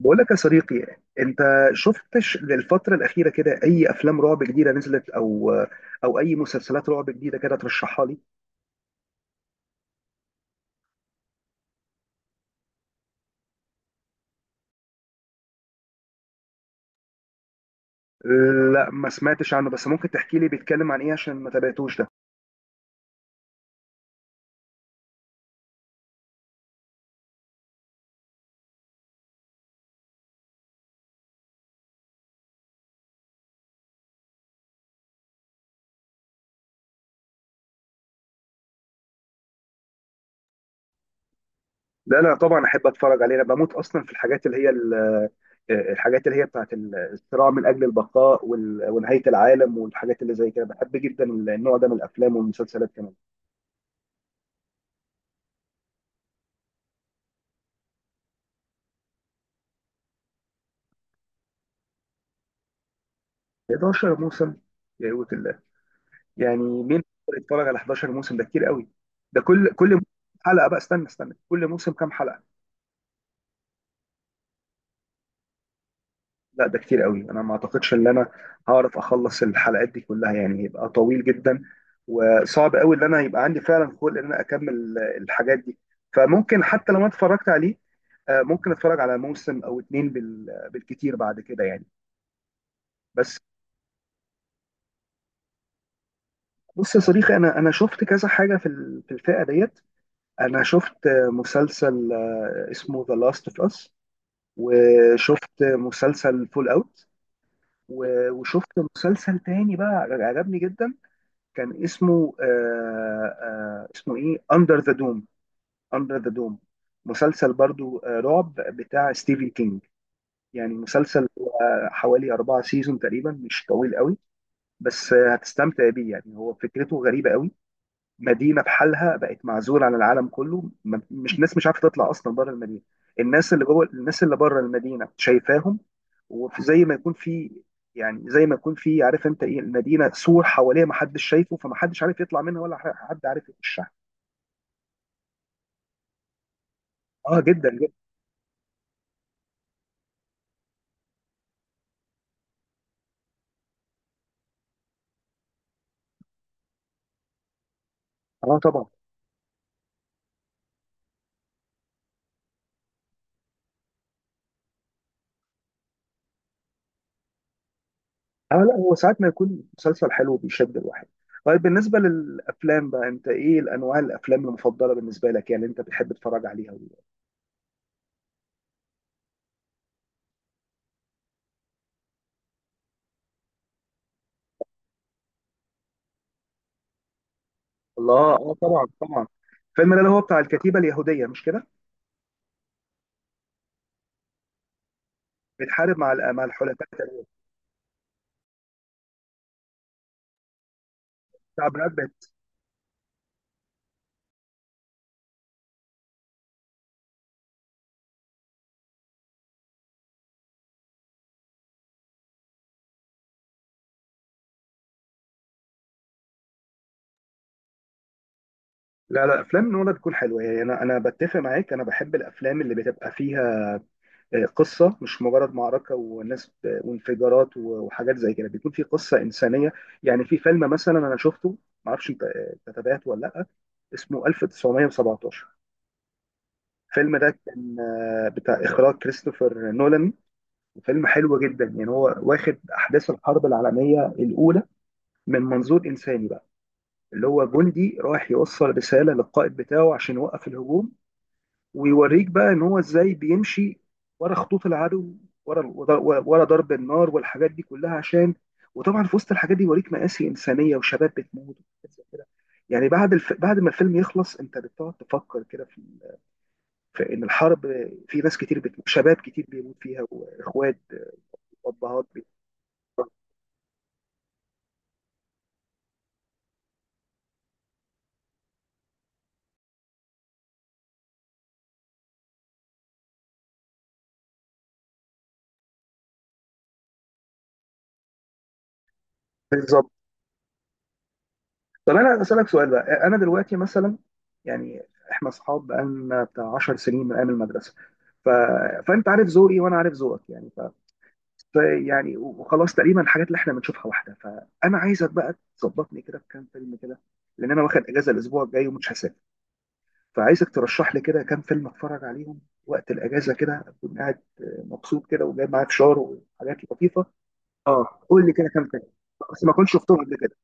بقول لك يا صديقي، انت شفتش للفترة الأخيرة كده أي أفلام رعب جديدة نزلت أو أي مسلسلات رعب جديدة كده ترشحها لي؟ لا، ما سمعتش عنه، بس ممكن تحكي لي بيتكلم عن إيه عشان ما تابعتوش ده؟ لا طبعا أحب أتفرج عليه. أنا بموت أصلا في الحاجات اللي هي الحاجات اللي هي بتاعت الصراع من أجل البقاء ونهاية العالم والحاجات اللي زي كده. بحب جدا النوع ده من الأفلام والمسلسلات كمان. 11 موسم! يا قوة الله، يعني مين يقدر يتفرج على 11 موسم؟ ده كتير قوي. ده كل موسم حلقه بقى، استنى، كل موسم كام حلقه؟ لا، ده كتير قوي، انا ما اعتقدش ان انا هعرف اخلص الحلقات دي كلها، يعني يبقى طويل جدا وصعب قوي ان انا يبقى عندي فعلا خلق ان انا اكمل الحاجات دي. فممكن حتى لو انا اتفرجت عليه، ممكن اتفرج على موسم او اتنين بالكتير بعد كده يعني. بس بص يا صديقي، انا شفت كذا حاجه في في الفئه ديت. انا شفت مسلسل اسمه ذا لاست اوف اس، وشفت مسلسل فول اوت، وشفت مسلسل تاني بقى عجبني جدا. كان اسمه اسمه ايه، اندر ذا دوم. اندر ذا دوم، مسلسل برضو آه رعب بتاع ستيفن كينج. يعني مسلسل آه حوالي 4 سيزون تقريبا، مش طويل قوي، بس آه هتستمتع بيه. يعني هو فكرته غريبة قوي، مدينه بحالها بقت معزوله عن العالم كله، مش ناس مش عارفه تطلع اصلا بره المدينه، الناس اللي جوه الناس اللي بره المدينه شايفاهم، وزي ما يكون في، يعني زي ما يكون في، عارف انت ايه، المدينه سور حواليها ما حدش شايفه، فما حدش عارف يطلع منها ولا حد عارف يخشها. اه جدا جدا. اه طبعا. اه لا، هو ساعات ما يكون مسلسل حلو بيشد الواحد. طيب بالنسبه للافلام بقى، انت ايه الانواع الافلام المفضله بالنسبه لك يعني انت بتحب تتفرج عليها؟ الله، اه طبعا طبعا. الفيلم ده اللي هو بتاع الكتيبه اليهوديه، مش كده؟ بتحارب مع مع الحلفاء. الشعبيات بت... لا لا، افلام نولان تكون حلوه يعني. انا انا بتفق معاك، انا بحب الافلام اللي بتبقى فيها قصه، مش مجرد معركه وناس وانفجارات وحاجات زي كده، بيكون في قصه انسانيه. يعني في فيلم مثلا انا شفته، معرفش انت أنت تابعته ولا لا، اسمه 1917. الفيلم ده كان بتاع اخراج كريستوفر نولان، وفيلم حلو جدا. يعني هو واخد احداث الحرب العالميه الاولى من منظور انساني بقى، اللي هو جندي رايح يوصل رسالة للقائد بتاعه عشان يوقف الهجوم، ويوريك بقى ان هو ازاي بيمشي ورا خطوط العدو، ورا ضرب النار والحاجات دي كلها عشان، وطبعا في وسط الحاجات دي يوريك مآسي إنسانية وشباب بتموت وحاجات زي كده. يعني بعد بعد ما الفيلم يخلص انت بتقعد تفكر كده في... في ان الحرب، في ناس كتير بتموت، شباب كتير بيموت فيها، واخوات وابهات بالظبط. طب انا اسالك سؤال بقى، انا دلوقتي مثلا، يعني احنا اصحاب بقالنا بتاع 10 سنين من ايام المدرسه، ف... فانت عارف ذوقي وانا عارف ذوقك، يعني ف... ف يعني وخلاص تقريبا الحاجات اللي احنا بنشوفها واحده. فانا عايزك بقى تظبطني كده بكام فيلم كده، لان انا واخد اجازه الاسبوع الجاي ومش هسافر، فعايزك ترشح لي كده كام فيلم اتفرج عليهم وقت الاجازه كده، اكون قاعد مبسوط كده وجايب معايا فشار وحاجات لطيفه. اه قول لي كده كام فيلم، بس ما كنتش شفتهم قبل كده.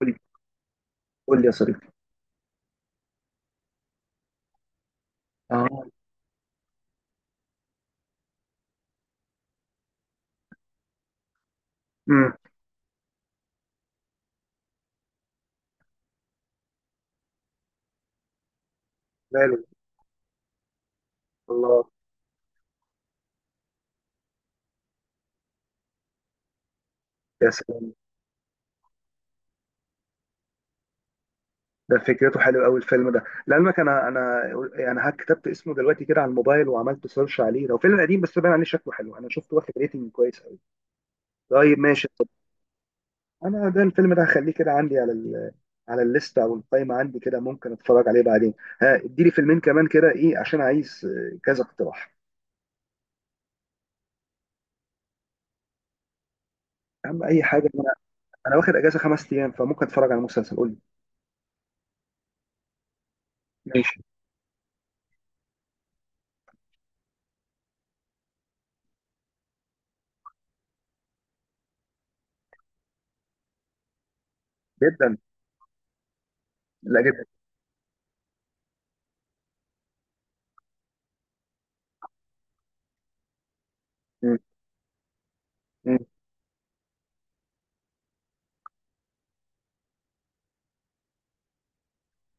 قول لي، قول لي يا صديقي. اه. امم. الله. يا سلام، ده فكرته حلوه قوي الفيلم ده. لعلمك، انا انا يعني ها كتبت اسمه دلوقتي كده على الموبايل وعملت سيرش عليه، لو فيلم قديم بس باين عليه شكله حلو، انا شفته واخد ريتنج كويس قوي. طيب ماشي، طب انا ده الفيلم ده هخليه كده عندي على ال على الليسته او القائمه عندي كده، ممكن اتفرج عليه بعدين. ها اديلي فيلمين كمان كده، ايه عشان عايز كذا اقتراح. اهم اي حاجه إن انا، انا واخد اجازه 5 ايام، فممكن اتفرج على مسلسل، قول لي. ماشي. جدا. لا جدا. مم.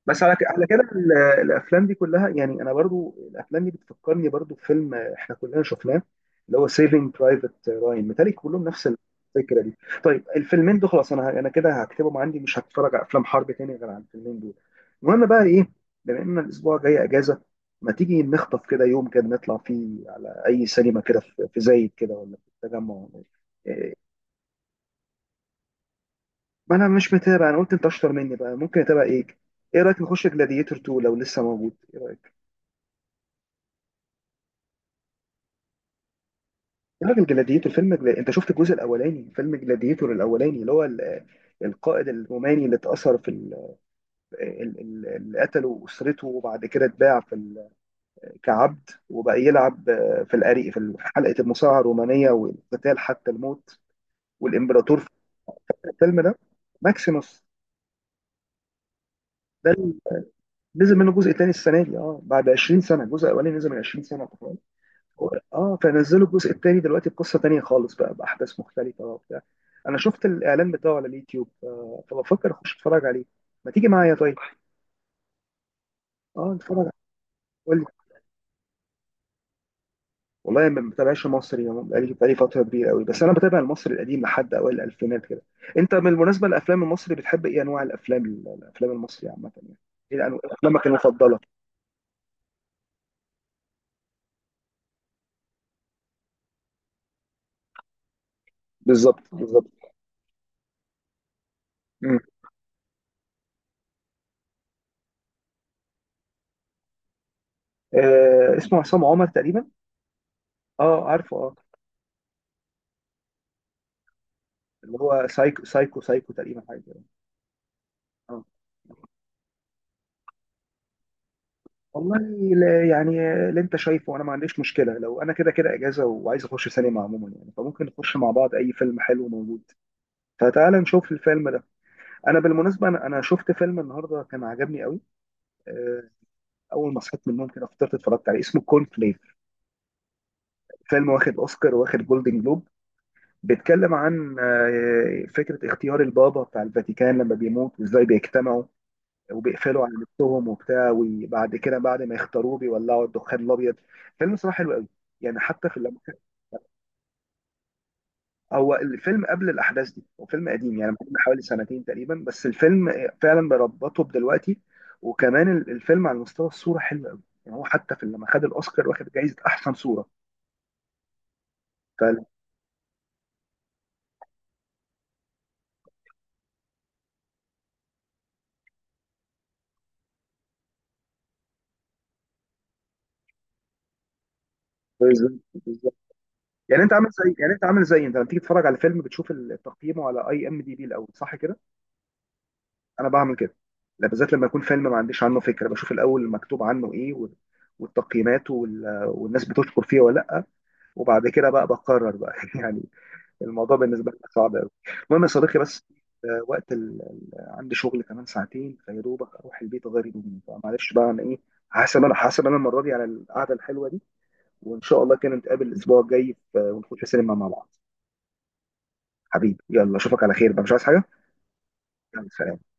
بس على على كده الافلام دي كلها، يعني انا برضو الافلام دي بتفكرني برضو بفيلم احنا كلنا شفناه، اللي هو سيفنج برايفت راين، متهيألي كلهم نفس الفكره دي. طيب الفيلمين دول خلاص، انا انا كده هكتبهم عندي، مش هتفرج على افلام حرب تاني غير على الفيلمين دول. المهم بقى ايه، بما ان الاسبوع جاي اجازه، ما تيجي نخطف كده يوم كده نطلع فيه على اي سينما كده في في زايد كده، ولا في التجمع ولا إيه. إيه، ما انا مش متابع، انا قلت انت اشطر مني بقى، ممكن اتابع ايه. ايه رايك نخش جلاديتور 2 لو لسه موجود؟ إيه رأيك؟ تعرف جلاديتور، فيلم جلا... انت شفت الجزء الاولاني، فيلم جلاديتور الاولاني اللي هو القائد الروماني اللي اتأثر في ال... ال... ال... اللي قتله اسرته، وبعد كده اتباع في ال... كعبد، وبقى يلعب في الأري... في حلقة المصارعة الرومانية والقتال حتى الموت، والامبراطور في الفيلم ده، ماكسيموس. ده نزل منه جزء تاني السنة دي، اه بعد 20 سنة، الجزء الاولاني نزل من 20 سنة و- اه فنزلوا الجزء الثاني دلوقتي بقصه تانيه خالص بقى، باحداث مختلفه وبتاع. انا شفت الاعلان بتاعه على اليوتيوب، فبفكر اخش اتفرج عليه، ما تيجي معايا طيب؟ اه نتفرج. قول لي. والله ما بتابعش مصري، يعني بقالي فتره كبيره قوي، بس انا بتابع المصري القديم لحد اوائل الالفينات كده. انت بالمناسبه الافلام المصري بتحب ايه انواع الافلام، الافلام المصري عامه يعني، ايه الأنواع، افلامك المفضله؟ بالظبط بالظبط. مم. آه اسمه عصام عمر تقريبا. اه عارفه اه، اللي هو سايكو سايكو سايكو تقريبا حاجه كده. آه. والله لا، يعني اللي انت شايفه، انا ما عنديش مشكله، لو انا كده كده اجازه وعايز اخش سينما عموما يعني، فممكن نخش مع بعض اي فيلم حلو موجود. فتعال نشوف الفيلم ده. انا بالمناسبه انا انا شفت فيلم النهارده كان عجبني قوي، آه، اول ما صحيت من النوم كده فطرت اتفرجت عليه، اسمه كورن فليك. فيلم واخد اوسكار واخد جولدن جلوب، بيتكلم عن فكره اختيار البابا بتاع الفاتيكان لما بيموت، وازاي بيجتمعوا وبيقفلوا على نفسهم وبتاع، وبعد كده بعد ما يختاروه بيولعوا الدخان الابيض. فيلم صراحه حلو قوي، يعني حتى في اللم... هو الفيلم قبل الاحداث دي، هو فيلم قديم يعني من حوالي سنتين تقريبا، بس الفيلم فعلا بربطه بدلوقتي. وكمان الفيلم على مستوى الصوره حلو قوي، يعني هو حتى في لما خد الاوسكار واخد جائزه احسن صوره. ف... بالظبط بالظبط. يعني انت عامل زي، يعني انت عامل زي، انت لما تيجي تتفرج على فيلم بتشوف تقييمه على اي ام دي بي الاول، صح كده؟ انا بعمل كده، لا بالذات لما يكون فيلم ما عنديش عنه فكره، بشوف الاول مكتوب عنه ايه والتقييمات والناس بتشكر فيه ولا لا، وبعد كده بقى بقرر بقى يعني. الموضوع بالنسبه لي صعب قوي. المهم يا صديقي، بس وقت ال... عندي شغل كمان ساعتين، فيا دوبك اروح البيت اغير هدومي، فمعلش بقى انا ايه، هحاسب انا المره دي على القعده الحلوه دي، وان شاء الله كده نتقابل الاسبوع الجاي ونخش سينما مع بعض. حبيبي يلا، اشوفك على خير بقى، مش عايز حاجه. يلا سلام.